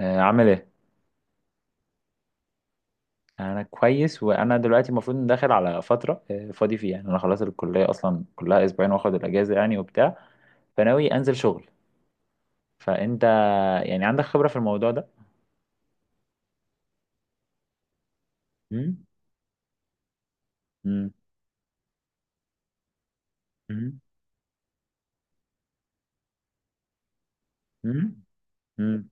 عامل ايه؟ انا كويس، وانا دلوقتي المفروض داخل على فتره فاضي فيها، يعني انا خلاص الكليه اصلا كلها اسبوعين واخد الاجازه يعني وبتاع، فناوي انزل شغل. فانت يعني عندك خبره في الموضوع ده؟ مم؟ مم. مم. مم. مم.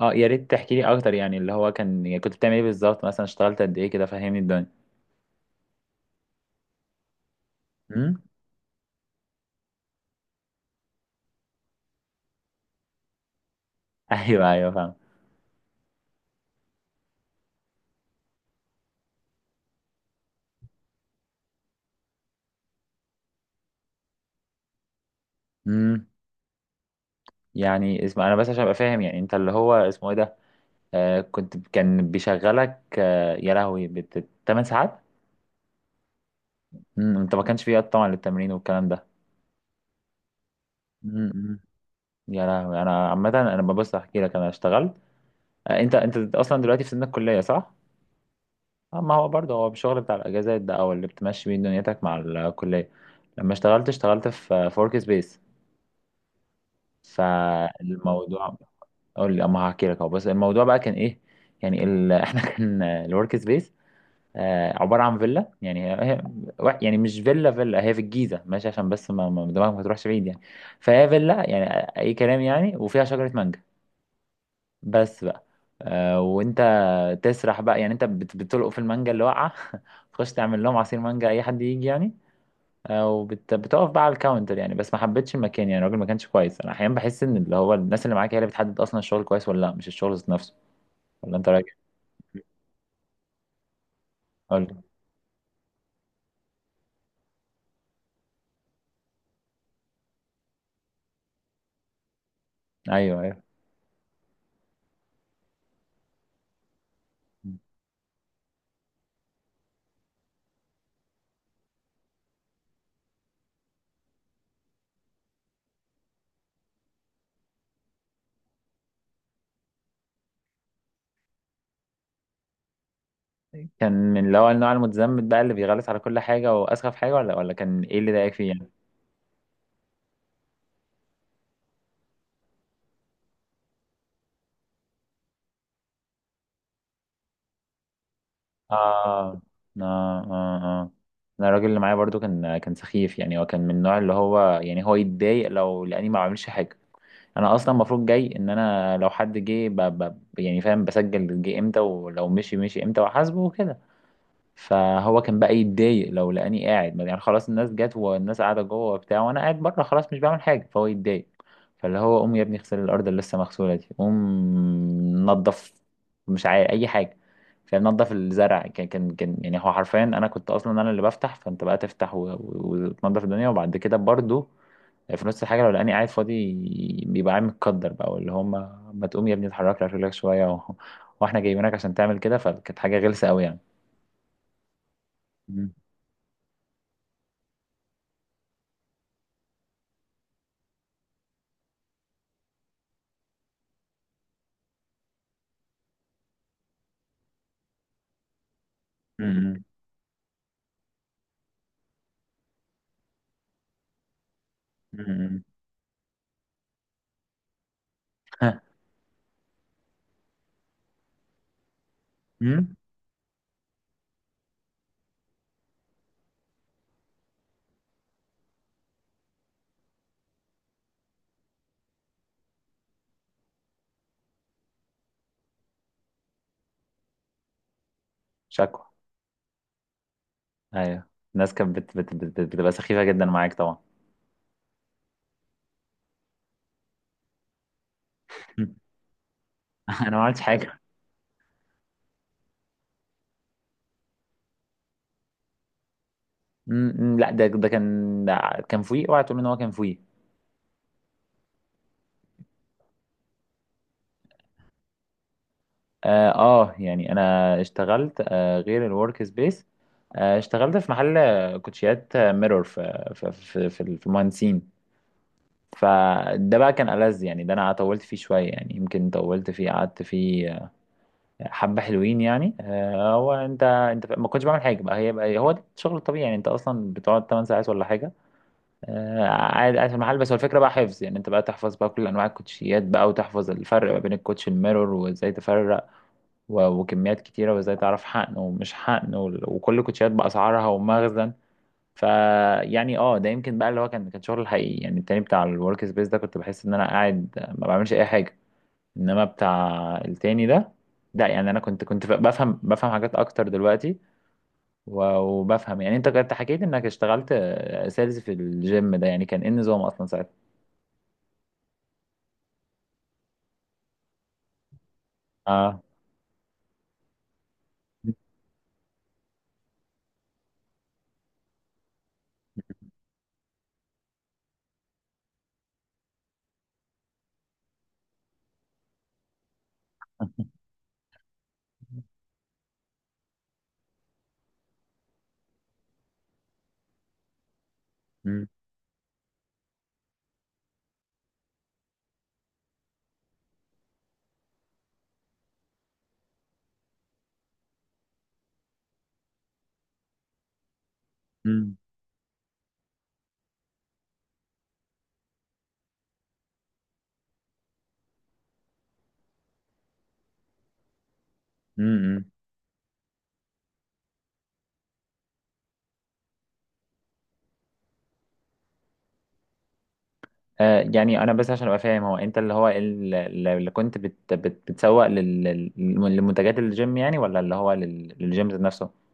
اه، يا ريت تحكي لي اكتر، يعني اللي هو كان، يعني كنت بتعمل ايه بالظبط؟ مثلا اشتغلت قد ايه كده؟ فهمني الدنيا. مم؟ ايوه ايوه، فاهم. مم. يعني اسمع، انا بس عشان ابقى فاهم، يعني انت اللي هو اسمه ايه ده، آه كنت كان بيشغلك يا لهوي 8 ساعات؟ مم، انت ما كانش في وقت طبعا للتمرين والكلام ده. مم، مم. يا لهوي. انا عامه انا ببص احكي لك، انا اشتغلت. انت اصلا دلوقتي في سن الكليه صح؟ ما هو برضه هو الشغل بتاع الاجازات ده او اللي بتمشي بيه دنيتك مع الكليه. لما اشتغلت في فورك سبيس، فالموضوع، اقول لي اما هحكي لك اهو، بس الموضوع بقى كان ايه. احنا كان الورك سبيس عبارة عن فيلا، يعني يعني مش فيلا فيلا، هي في الجيزة، ماشي، عشان بس دماغك ما تروحش بعيد يعني. فهي فيلا يعني، أي كلام يعني، وفيها شجرة مانجا بس بقى. وأنت تسرح بقى، يعني أنت بتلقط في المانجا اللي واقعة تخش تعمل لهم عصير مانجا، أي حد يجي يعني. وبت- بتقف بقى على الكاونتر، يعني بس ما حبيتش المكان، يعني الراجل ما كانش كويس. أنا أحيانا بحس إن اللي هو الناس اللي معاك هي اللي بتحدد أصلا الشغل كويس ولا لأ، مش الشغل ذات نفسه. ولا أنت راجل؟ قول لي. أيوه أيوه. كان من اللي هو النوع المتزمت بقى اللي بيغلس على كل حاجة وأسخف حاجة، ولا كان إيه اللي ضايقك فيه يعني؟ آه آه آه آه. أنا الراجل اللي معايا برضو كان سخيف، يعني هو كان من النوع اللي هو يعني هو يتضايق لو لأني ما بعملش حاجة. أنا أصلا المفروض جاي إن أنا لو حد جه يعني فاهم، بسجل جه إمتى ولو مشي مشي إمتى وأحاسبه وكده. فهو كان بقى يتضايق لو لقاني قاعد، يعني خلاص الناس جت والناس قاعده جوه وبتاع، وانا قاعد بره خلاص مش بعمل حاجه، فهو يتضايق. فاللي هو قوم يا ابني اغسل الارض اللي لسه مغسوله دي، قوم نظف، مش عارف اي حاجه، فنظف الزرع. كان يعني هو حرفيا، انا كنت اصلا انا اللي بفتح، فانت بقى تفتح وتنظف الدنيا. وبعد كده برضو في نص الحاجه لو لقاني قاعد فاضي، بيبقى قاعد متقدر بقى، واللي هم ما تقوم يا ابني اتحرك لك رجلك شويه و... واحنا جايبينك عشان تعمل كده. فكانت حاجه غلسه قوي يعني. امم. امم. ها. امم. شكوى. ايوه. الناس كانت بتبقى سخيفه جدا معاك طبعا. انا ما عملتش حاجه. امم، لا، ده كان فوقي، اوعى تقول ان هو كان فوقي. يعني انا اشتغلت غير الورك سبيس. اشتغلت في محل كوتشيات ميرور في المهندسين. فده بقى كان ألذ، يعني ده انا طولت فيه شويه، يعني يمكن طولت فيه، قعدت فيه حبة حلوين يعني. هو انت ما كنتش بعمل حاجة بقى، هي بقى هو ده الشغل الطبيعي، يعني انت اصلا بتقعد 8 ساعات ولا حاجة. قاعد قاعد في المحل، بس هو الفكرة بقى حفظ، يعني انت بقى تحفظ بقى كل انواع الكوتشيات بقى، وتحفظ الفرق ما بين الكوتش الميرور وازاي تفرق، وكميات كتيرة وازاي تعرف حقن ومش حقن وكل الكوتشيات بأسعارها ومخزن. فيعني اه ده يمكن بقى اللي هو كان شغل الحقيقي، يعني التاني بتاع الورك سبيس ده كنت بحس ان انا قاعد ما بعملش اي حاجة. انما بتاع التاني ده لا، يعني انا كنت بفهم حاجات اكتر دلوقتي، وبفهم. يعني انت كنت حكيت انك اشتغلت سيلز في الجيم ده، يعني كان ايه النظام اصلا ساعتها؟ اه. مم. مم. مم. يعني انا بس عشان ابقى فاهم، هو انت اللي هو اللي كنت بت بت بتسوق لمنتجات الجيم، يعني ولا اللي هو للجيم ذات نفسه؟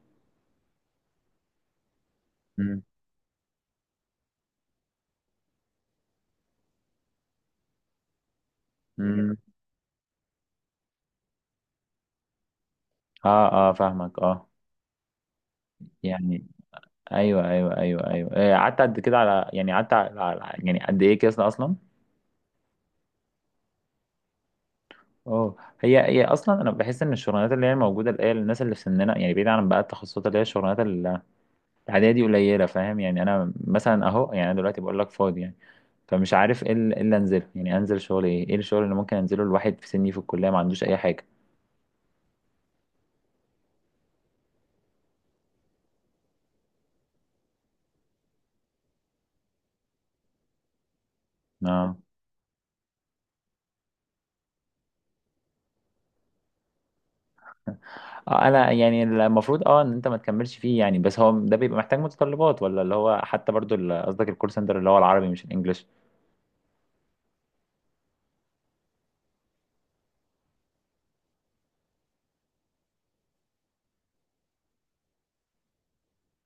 مم. مم. اه اه فاهمك، اه. يعني ايوه ايوه ايوه ايوه، قعدت قد كده؟ على يعني قعدت يعني قد ايه كده اصلا؟ اه. هي اصلا انا بحس ان الشغلانات اللي هي موجوده اللي هي الناس اللي في سننا، يعني بعيد عن بقى التخصصات، اللي هي الشغلانات العاديه دي قليله فاهم، يعني انا مثلا اهو، يعني انا دلوقتي بقول لك فاضي يعني، فمش عارف ايه إيه اللي انزله، يعني انزل شغل ايه الشغل اللي ممكن انزله الواحد في سني في الكليه ما عندوش اي حاجه؟ اه. اه، انا يعني المفروض اه ان انت ما تكملش فيه يعني، بس هو ده بيبقى محتاج متطلبات؟ ولا اللي هو حتى برضو قصدك الكول سنتر اللي هو العربي مش الانجليش؟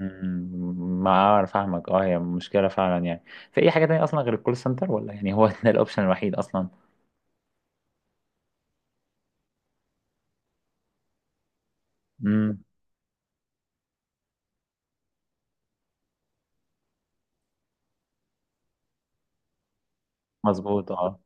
مم، ما اعرف، فاهمك اه، هي مشكله فعلا يعني. في اي حاجه تانية اصلا غير الكول سنتر؟ ولا يعني هو ده الاوبشن الوحيد اصلا؟ امم. مظبوط اه.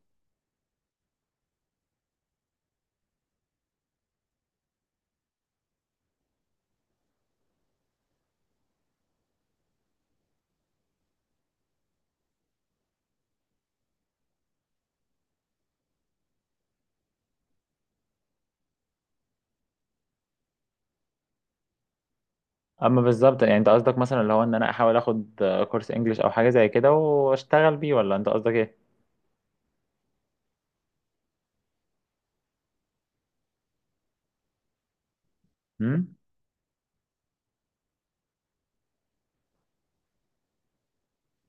اما بالظبط يعني انت قصدك مثلا اللي هو ان انا احاول اخد كورس انجليش او حاجه زي كده واشتغل بيه، ولا انت قصدك ايه؟ امم.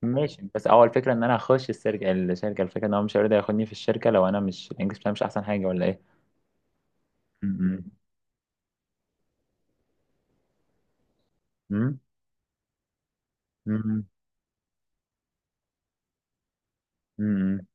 ماشي، بس اول فكره ان انا اخش الشركه، الفكره ان هو مش هيرضى ياخدني في الشركه لو انا مش الانجليش بتاعي مش احسن حاجه، ولا ايه؟ امم. امم. امم.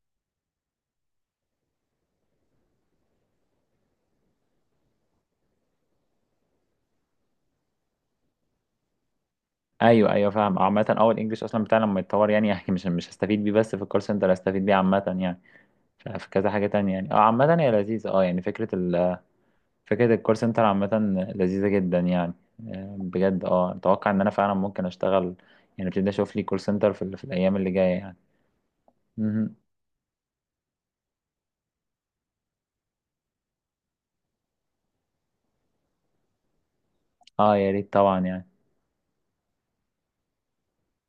ايوه ايوه، فاهم. عامه اه الانجليش اصلا بتاعنا لما يتطور يعني يعني مش هستفيد بيه، بس في الكول سنتر هستفيد بيه عامه يعني. في كذا حاجه تانية يعني، اه عامه هي لذيذه، اه يعني فكره فكره الكول سنتر عامه لذيذه جدا يعني. بجد اه اتوقع ان انا فعلا ممكن اشتغل، يعني ابتدي اشوف لي كول سنتر في الايام اللي جايه يعني. مهم. اه يا ريت طبعا يعني.